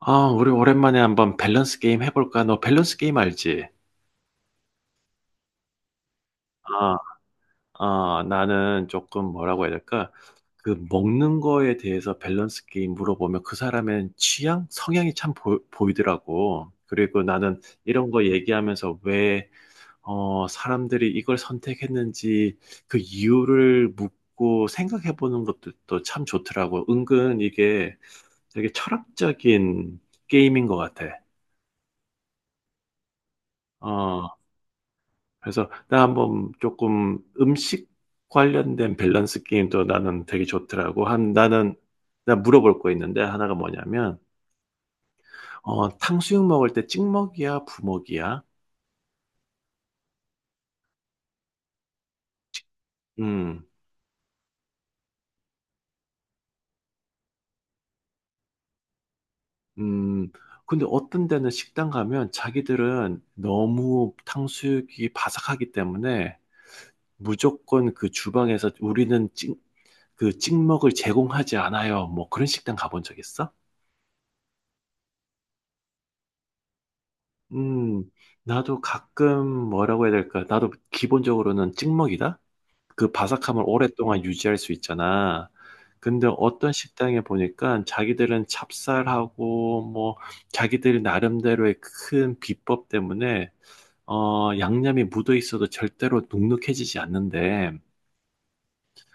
우리 오랜만에 한번 밸런스 게임 해 볼까? 너 밸런스 게임 알지? 아. 나는 조금 뭐라고 해야 될까? 그 먹는 거에 대해서 밸런스 게임 물어보면 그 사람의 취향? 성향이 참 보이더라고. 그리고 나는 이런 거 얘기하면서 왜 사람들이 이걸 선택했는지 그 이유를 묻고 생각해 보는 것도 또 참 좋더라고. 은근 이게 되게 철학적인 게임인 것 같아. 어. 그래서 나 한번 조금 음식 관련된 밸런스 게임도 나는 되게 좋더라고. 한 나는 나 물어볼 거 있는데 하나가 뭐냐면 탕수육 먹을 때 찍먹이야, 부먹이야? 음. 음. 근데 어떤 데는 식당 가면 자기들은 너무 탕수육이 바삭하기 때문에 무조건 그 주방에서 그 찍먹을 제공하지 않아요. 뭐 그런 식당 가본 적 있어? 음, 나도 가끔 뭐라고 해야 될까? 나도 기본적으로는 찍먹이다? 그 바삭함을 오랫동안 유지할 수 있잖아. 근데 어떤 식당에 보니까 자기들은 찹쌀하고 뭐 자기들 나름대로의 큰 비법 때문에 양념이 묻어 있어도 절대로 눅눅해지지 않는데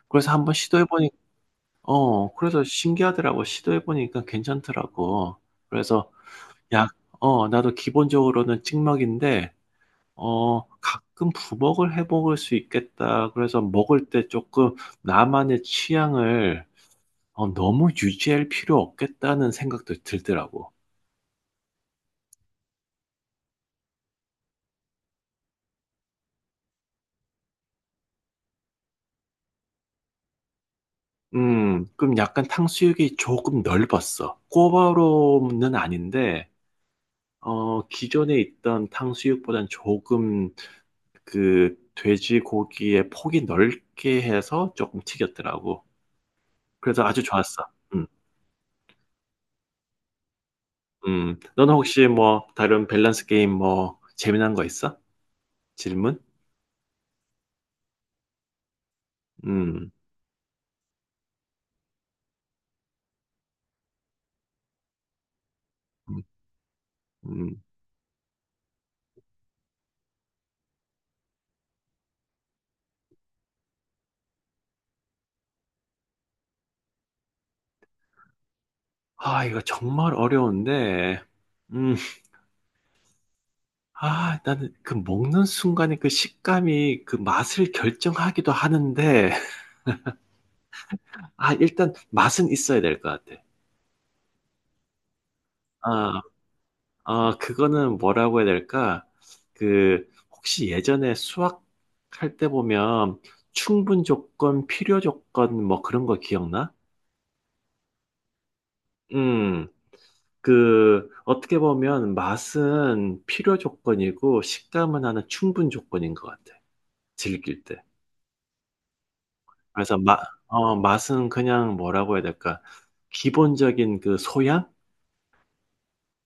그래서 한번 시도해 보니 어, 그래서 신기하더라고. 시도해 보니까 괜찮더라고. 그래서 약 나도 기본적으로는 찍먹인데 가끔 부먹을 해 먹을 수 있겠다. 그래서 먹을 때 조금 나만의 취향을 너무 유지할 필요 없겠다는 생각도 들더라고. 그럼 약간 탕수육이 조금 넓었어. 꼬바로는 아닌데, 기존에 있던 탕수육보단 조금 그 돼지고기의 폭이 넓게 해서 조금 튀겼더라고. 그래서 아주 좋았어. 음, 너는 혹시 뭐 다른 밸런스 게임 뭐 재미난 거 있어? 질문? 음, 음, 음. 아, 이거 정말 어려운데, 음, 아, 나는 그 먹는 순간에 그 식감이 그 맛을 결정하기도 하는데, 아, 일단 맛은 있어야 될 것 같아. 아, 아, 그거는 뭐라고 해야 될까? 그, 혹시 예전에 수학할 때 보면 충분 조건, 필요 조건, 뭐 그런 거 기억나? 음. 그, 어떻게 보면 맛은 필요 조건이고 식감은 하나 충분 조건인 것 같아. 즐길 때. 그래서 맛, 맛은 그냥 뭐라고 해야 될까. 기본적인 그 소양?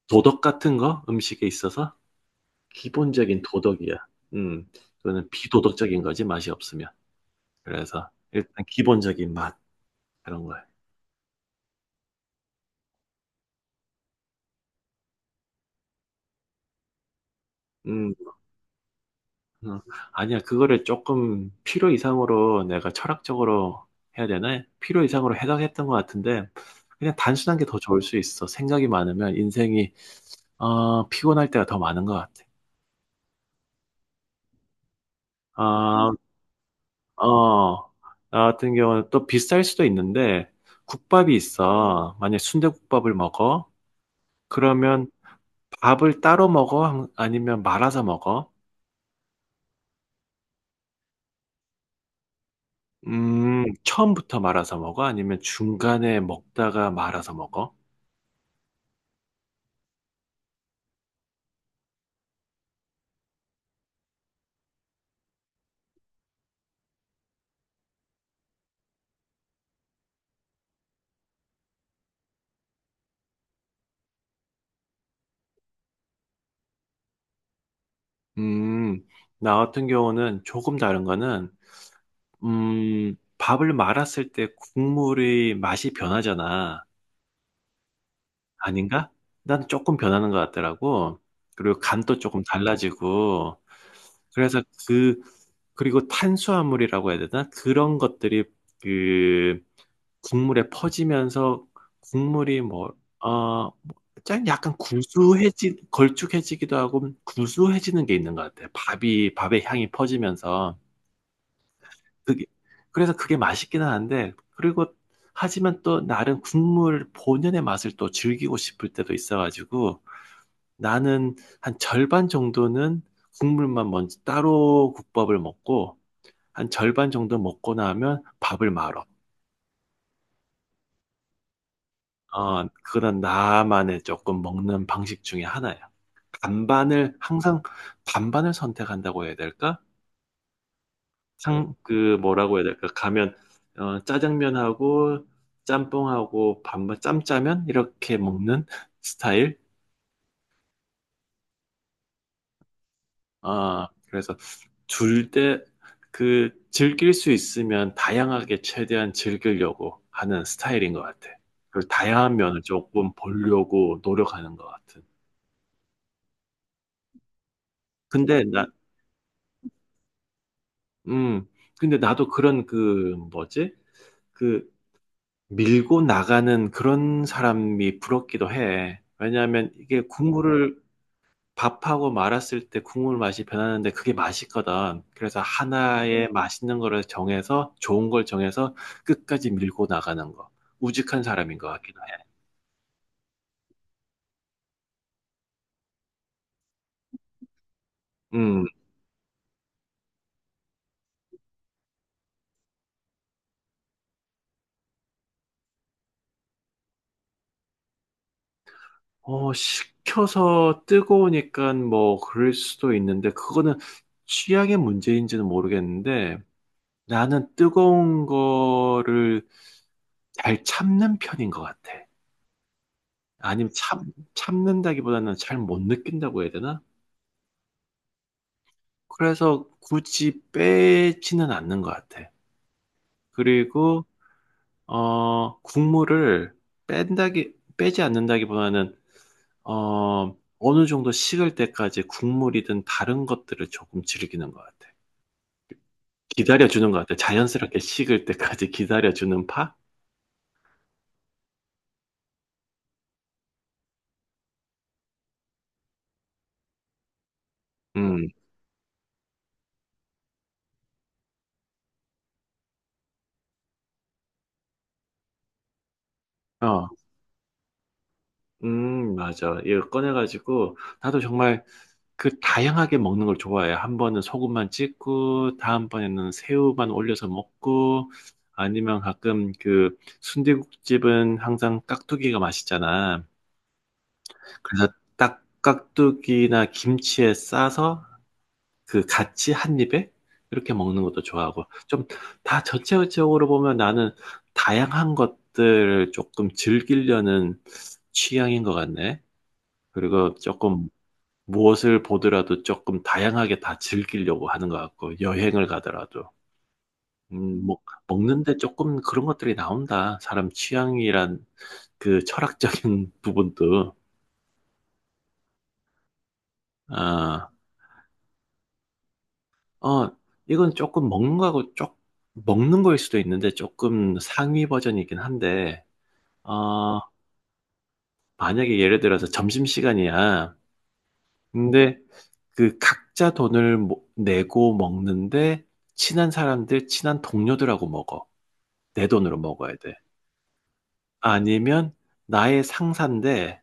도덕 같은 거? 음식에 있어서? 기본적인 도덕이야. 음, 그거는 비도덕적인 거지, 맛이 없으면. 그래서 일단 기본적인 맛, 그런 거야. 음. 어, 아니야, 그거를 조금 필요 이상으로 내가 철학적으로 해야 되나? 필요 이상으로 해석했던 것 같은데, 그냥 단순한 게 더 좋을 수 있어. 생각이 많으면 인생이, 피곤할 때가 더 많은 것 같아. 아, 어, 나 같은 경우는 또 비쌀 수도 있는데, 국밥이 있어. 만약 순대국밥을 먹어? 그러면 밥을 따로 먹어? 아니면 말아서 먹어? 처음부터 말아서 먹어? 아니면 중간에 먹다가 말아서 먹어? 음, 나 같은 경우는 조금 다른 거는, 밥을 말았을 때 국물의 맛이 변하잖아. 아닌가? 난 조금 변하는 것 같더라고. 그리고 간도 조금 달라지고. 그래서 그, 그리고 탄수화물이라고 해야 되나? 그런 것들이 그 국물에 퍼지면서 국물이 뭐, 어, 짠 약간 걸쭉해지기도 하고 구수해지는 게 있는 것 같아. 밥의 향이 퍼지면서. 그게, 그래서 그게 맛있기는 한데, 그리고, 하지만 또 나름 국물 본연의 맛을 또 즐기고 싶을 때도 있어가지고, 나는 한 절반 정도는 국물만 먼저 따로 국밥을 먹고, 한 절반 정도 먹고 나면 밥을 말어. 그런 나만의 조금 먹는 방식 중에 하나야. 항상 반반을 선택한다고 해야 될까? 상, 그 뭐라고 해야 될까? 가면 어, 짜장면하고 짬뽕하고 반반 짬짜면 이렇게 먹는 스타일. 아, 그래서 둘 때 그 즐길 수 있으면 다양하게 최대한 즐기려고 하는 스타일인 것 같아. 그 다양한 면을 조금 보려고 노력하는 것 같은. 근데 나, 음, 근데 나도 그런 그 뭐지? 그 밀고 나가는 그런 사람이 부럽기도 해. 왜냐하면 이게 국물을 밥하고 말았을 때 국물 맛이 변하는데 그게 맛있거든. 그래서 하나의 맛있는 거를 정해서 좋은 걸 정해서 끝까지 밀고 나가는 거. 우직한 사람인 것 같긴 해. 음. 어, 식혀서 뜨거우니까 뭐 그럴 수도 있는데 그거는 취향의 문제인지는 모르겠는데 나는 뜨거운 거를 잘 참는 편인 것 같아. 아니면 참는다기보다는 잘 못 느낀다고 해야 되나? 그래서 굳이 빼지는 않는 것 같아. 그리고, 어, 국물을 빼지 않는다기보다는, 어, 어느 정도 식을 때까지 국물이든 다른 것들을 조금 즐기는 것 같아. 기다려주는 것 같아. 자연스럽게 식을 때까지 기다려주는 파? 음, 어, 맞아. 이거 꺼내가지고, 나도 정말 그 다양하게 먹는 걸 좋아해요. 한 번은 소금만 찍고, 다음번에는 새우만 올려서 먹고, 아니면 가끔 그 순대국집은 항상 깍두기가 맛있잖아. 그래서 딱 깍두기나 김치에 싸서 그 같이 한 입에 이렇게 먹는 것도 좋아하고, 좀 다 전체적으로 보면 나는 다양한 것들을 조금 즐기려는 취향인 것 같네. 그리고 조금 무엇을 보더라도 조금 다양하게 다 즐기려고 하는 것 같고 여행을 가더라도. 뭐 먹는데 조금 그런 것들이 나온다. 사람 취향이란 그 철학적인 부분도. 아 어 이건 조금 먹는 거하고 쪽 먹는 거일 수도 있는데 조금 상위 버전이긴 한데 어 만약에 예를 들어서 점심시간이야. 근데 그 각자 돈을 모 내고 먹는데 친한 동료들하고 먹어. 내 돈으로 먹어야 돼. 아니면 나의 상사인데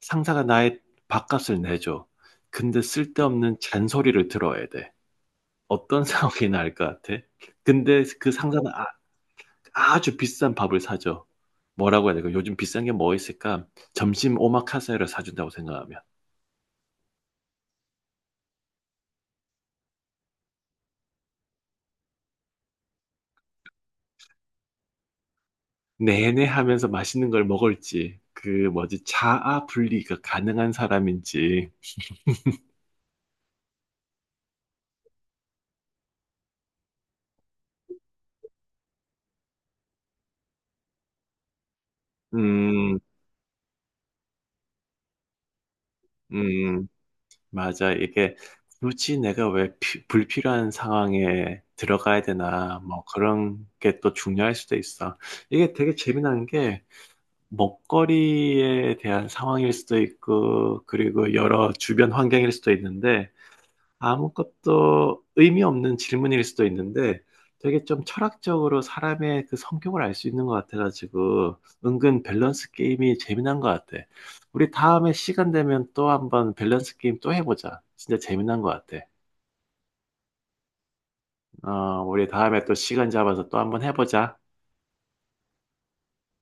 상사가 나의 밥값을 내줘. 근데 쓸데없는 잔소리를 들어야 돼. 어떤 상황이 나을 것 같아? 근데 그 상사는 아, 주 비싼 밥을 사줘. 뭐라고 해야 될까? 요즘 비싼 게 뭐 있을까? 점심 오마카세를 사준다고 생각하면. 내내 하면서 맛있는 걸 먹을지, 그 뭐지, 자아 분리가 가능한 사람인지, 음, 음, 맞아. 이게 굳이 내가 왜 불필요한 상황에 들어가야 되나, 뭐 그런 게 또 중요할 수도 있어. 이게 되게 재미난 게 먹거리에 대한 상황일 수도 있고, 그리고 여러 주변 환경일 수도 있는데, 아무것도 의미 없는 질문일 수도 있는데 되게 좀 철학적으로 사람의 그 성격을 알 수 있는 것 같아가지고 은근 밸런스 게임이 재미난 것 같아. 우리 다음에 시간 되면 또 한번 밸런스 게임 또 해보자. 진짜 재미난 것 같아. 어, 우리 다음에 또 시간 잡아서 또 한번 해보자.